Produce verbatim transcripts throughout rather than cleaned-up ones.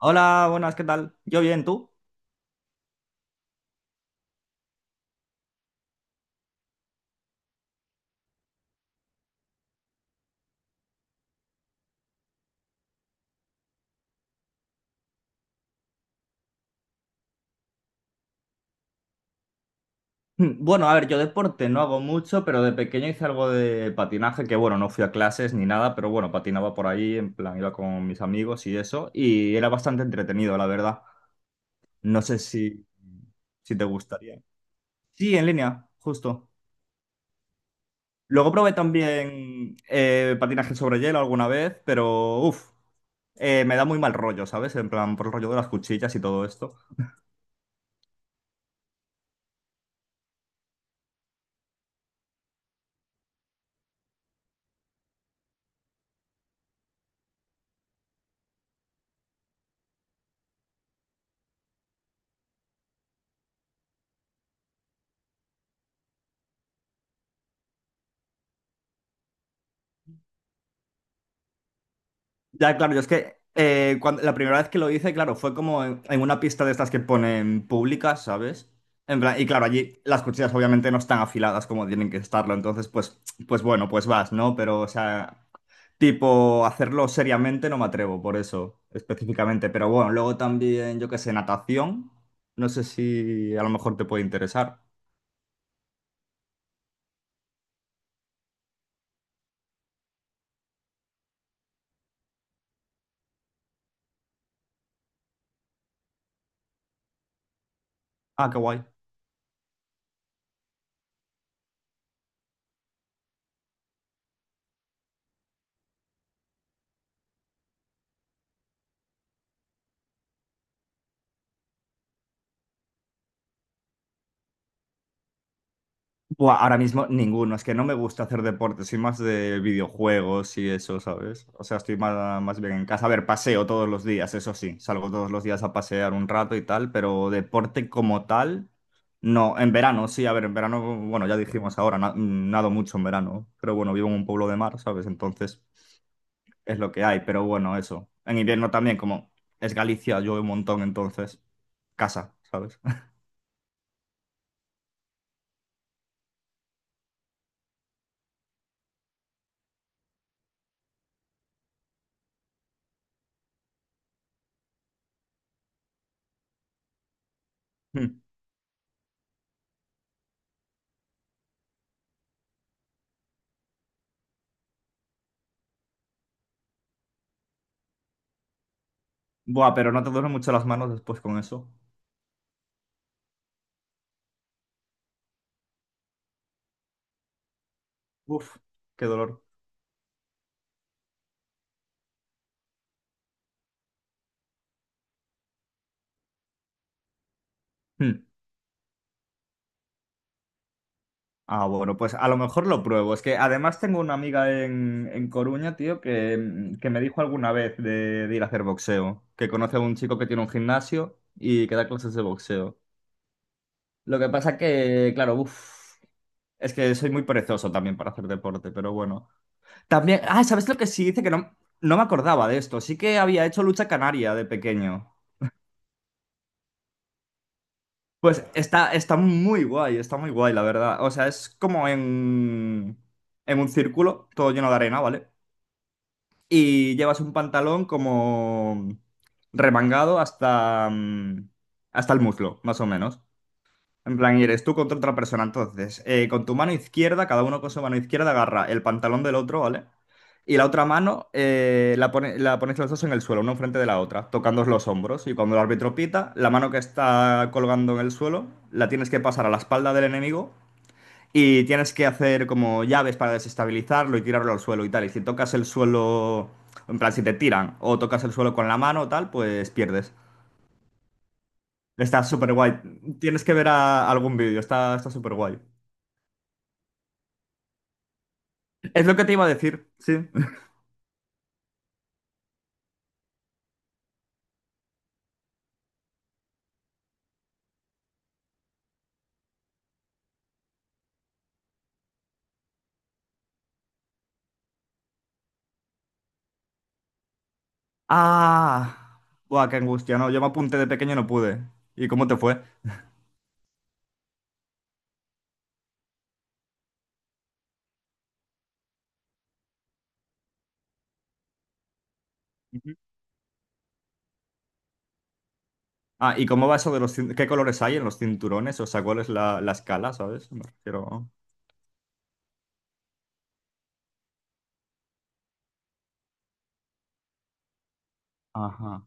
Hola, buenas, ¿qué tal? Yo bien, ¿tú? Hmm, Bueno, a ver, yo deporte no hago mucho, pero de pequeño hice algo de patinaje, que bueno, no fui a clases ni nada, pero bueno, patinaba por ahí, en plan, iba con mis amigos y eso, y era bastante entretenido, la verdad. No sé si, si te gustaría. Sí, en línea, justo. Luego probé también eh, patinaje sobre hielo alguna vez, pero uff, me da muy mal rollo, ¿sabes? En plan, por el rollo de las cuchillas y todo esto. Ya, claro, yo es que eh, cuando, la primera vez que lo hice, claro, fue como en, en una pista de estas que ponen públicas, ¿sabes? En plan, y claro, allí las cuchillas obviamente no están afiladas como tienen que estarlo, entonces pues, pues bueno, pues vas, ¿no? Pero, o sea, tipo, hacerlo seriamente no me atrevo, por eso, específicamente. Pero bueno, luego también, yo qué sé, natación, no sé si a lo mejor te puede interesar. Ah, qué guay. Buah, ahora mismo ninguno, es que no me gusta hacer deporte, soy más de videojuegos y eso, ¿sabes? O sea, estoy más, más bien en casa. A ver, paseo todos los días, eso sí, salgo todos los días a pasear un rato y tal, pero deporte como tal, no. En verano, sí, a ver, en verano, bueno, ya dijimos ahora, na- nado mucho en verano, pero bueno, vivo en un pueblo de mar, ¿sabes? Entonces es lo que hay, pero bueno, eso. En invierno también, como es Galicia, llueve un montón, entonces casa, ¿sabes? Buah, pero no te duelen mucho las manos después con eso. Uf, qué dolor. Hmm. Ah, bueno, pues a lo mejor lo pruebo. Es que además tengo una amiga en, en Coruña, tío, que, mm, que me dijo alguna vez de, de ir a hacer boxeo, que conoce a un chico que tiene un gimnasio y que da clases de boxeo. Lo que pasa que, claro, uf, es que soy muy perezoso también para hacer deporte, pero bueno. También, ah, ¿sabes lo que sí? Dice que no, no me acordaba de esto. Sí que había hecho lucha canaria de pequeño. Pues está, está muy guay, está muy guay, la verdad. O sea, es como en, en un círculo, todo lleno de arena, ¿vale? Y llevas un pantalón como remangado hasta, mm, hasta el muslo, más o menos. En plan, y eres tú contra otra persona. Entonces, eh, con tu mano izquierda, cada uno con su mano izquierda agarra el pantalón del otro, ¿vale? Y la otra mano eh, la, pone- la ponéis los dos en el suelo, una enfrente de la otra, tocándoos los hombros. Y cuando el árbitro pita, la mano que está colgando en el suelo la tienes que pasar a la espalda del enemigo y tienes que hacer como llaves para desestabilizarlo y tirarlo al suelo y tal. Y si tocas el suelo, en plan, si te tiran o tocas el suelo con la mano o tal, pues pierdes. Está súper guay. Tienes que ver a- algún vídeo, está, está súper guay. Es lo que te iba a decir, sí. Ah, buah, qué angustia, no. Yo me apunté de pequeño y no pude. ¿Y cómo te fue? Ujú. Ah, ¿y cómo va eso de los... cin- ¿Qué colores hay en los cinturones? O sea, ¿cuál es la, la escala, ¿sabes? Me refiero... Ajá.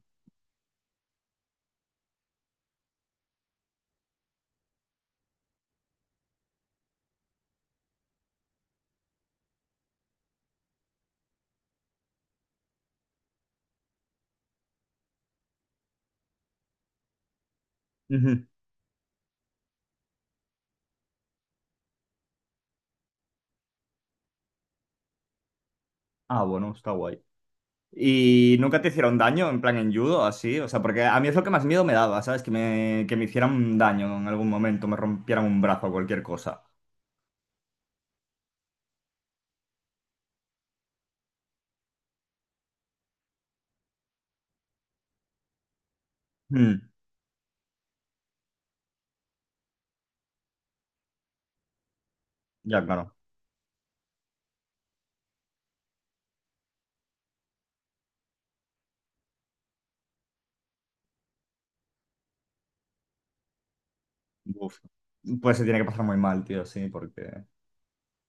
Ujú. Ah, bueno, está guay. ¿Y nunca te hicieron daño, en plan en judo, así? O sea, porque a mí es lo que más miedo me daba, ¿sabes? Que me, que me hicieran daño en algún momento, me rompieran un brazo o cualquier cosa. Mm, Ya, claro. Uf. Pues se tiene que pasar muy mal, tío, sí, porque...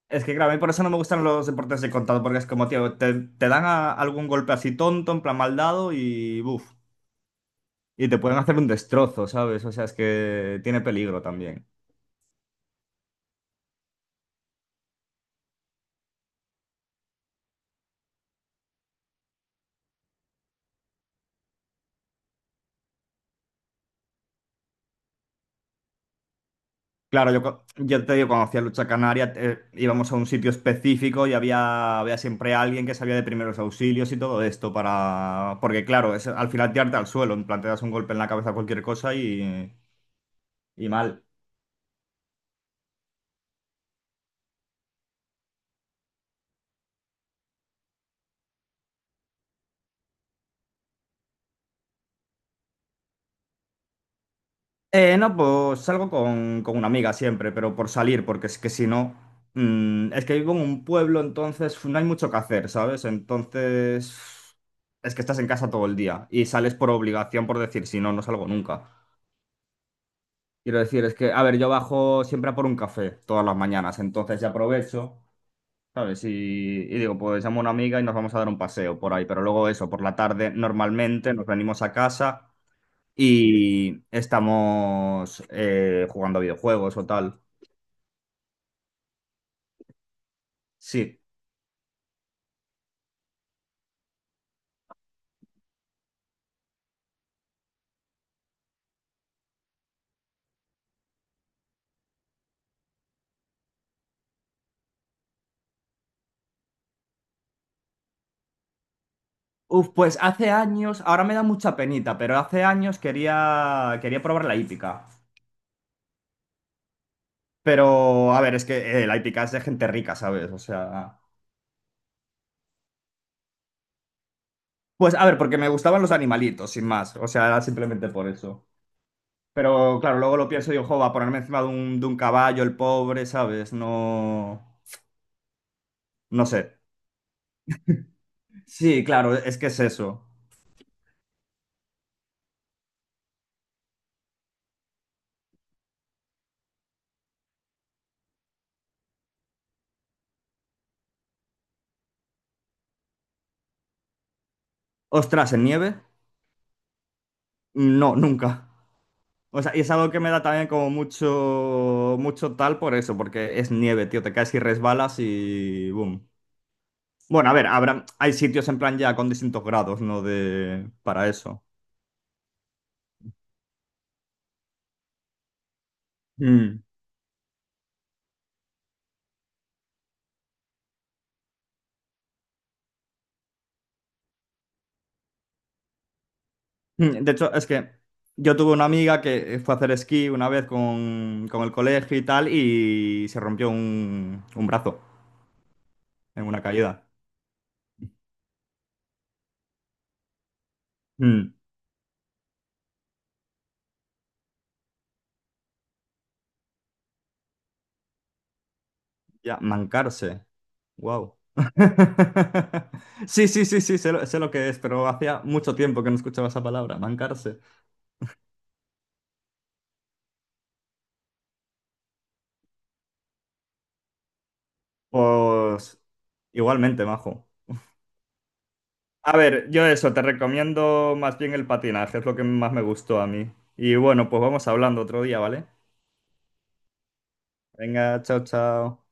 Es que, claro, a mí por eso no me gustan los deportes de contacto, porque es como, tío, te, te dan a- algún golpe así tonto, en plan mal dado y buf. Y te pueden hacer un destrozo, ¿sabes? O sea, es que tiene peligro también. Claro, yo, co- yo te digo, cuando hacía lucha canaria, te- íbamos a un sitio específico y había, había siempre alguien que sabía de primeros auxilios y todo esto para... Porque, claro, es, al final tirarte al suelo, en plan, te das un golpe en la cabeza a cualquier cosa y, y mal. Eh, no, pues salgo con, con una amiga siempre, pero por salir, porque es que si no, mm, es que vivo en un pueblo, entonces no hay mucho que hacer, ¿sabes? Entonces, es que estás en casa todo el día y sales por obligación, por decir, si no, no salgo nunca. Quiero decir, es que, a ver, yo bajo siempre a por un café todas las mañanas, entonces ya aprovecho, ¿sabes? Y, y digo, pues llamo a una amiga y nos vamos a dar un paseo por ahí, pero luego eso, por la tarde normalmente nos venimos a casa y estamos eh, jugando a videojuegos o tal. Sí. Uf, pues hace años, ahora me da mucha penita, pero hace años quería, quería probar la hípica. Pero, a ver, es que eh, la hípica es de gente rica, ¿sabes? O sea... Pues, a ver, porque me gustaban los animalitos, sin más. O sea, era simplemente por eso. Pero, claro, luego lo pienso y digo, jo, va a ponerme encima de un, de un caballo, el pobre, ¿sabes? No... No sé. Sí, claro, es que es eso. Ostras, ¿en nieve? No, nunca. O sea, y es algo que me da también como mucho, mucho tal por eso, porque es nieve, tío, te caes y resbalas y boom. Bueno, a ver, habrá, hay sitios en plan ya con distintos grados, ¿no? De, para eso. Mm. Mm, de hecho, es que yo tuve una amiga que fue a hacer esquí una vez con, con el colegio y tal y se rompió un, un brazo en una caída. Ya, mancarse. Wow. Sí, sí, sí, sí, sé lo, sé lo que es, pero hacía mucho tiempo que no escuchaba esa palabra, mancarse. Pues igualmente, majo. A ver, yo eso, te recomiendo más bien el patinaje, es lo que más me gustó a mí. Y bueno, pues vamos hablando otro día, ¿vale? Venga, chao, chao.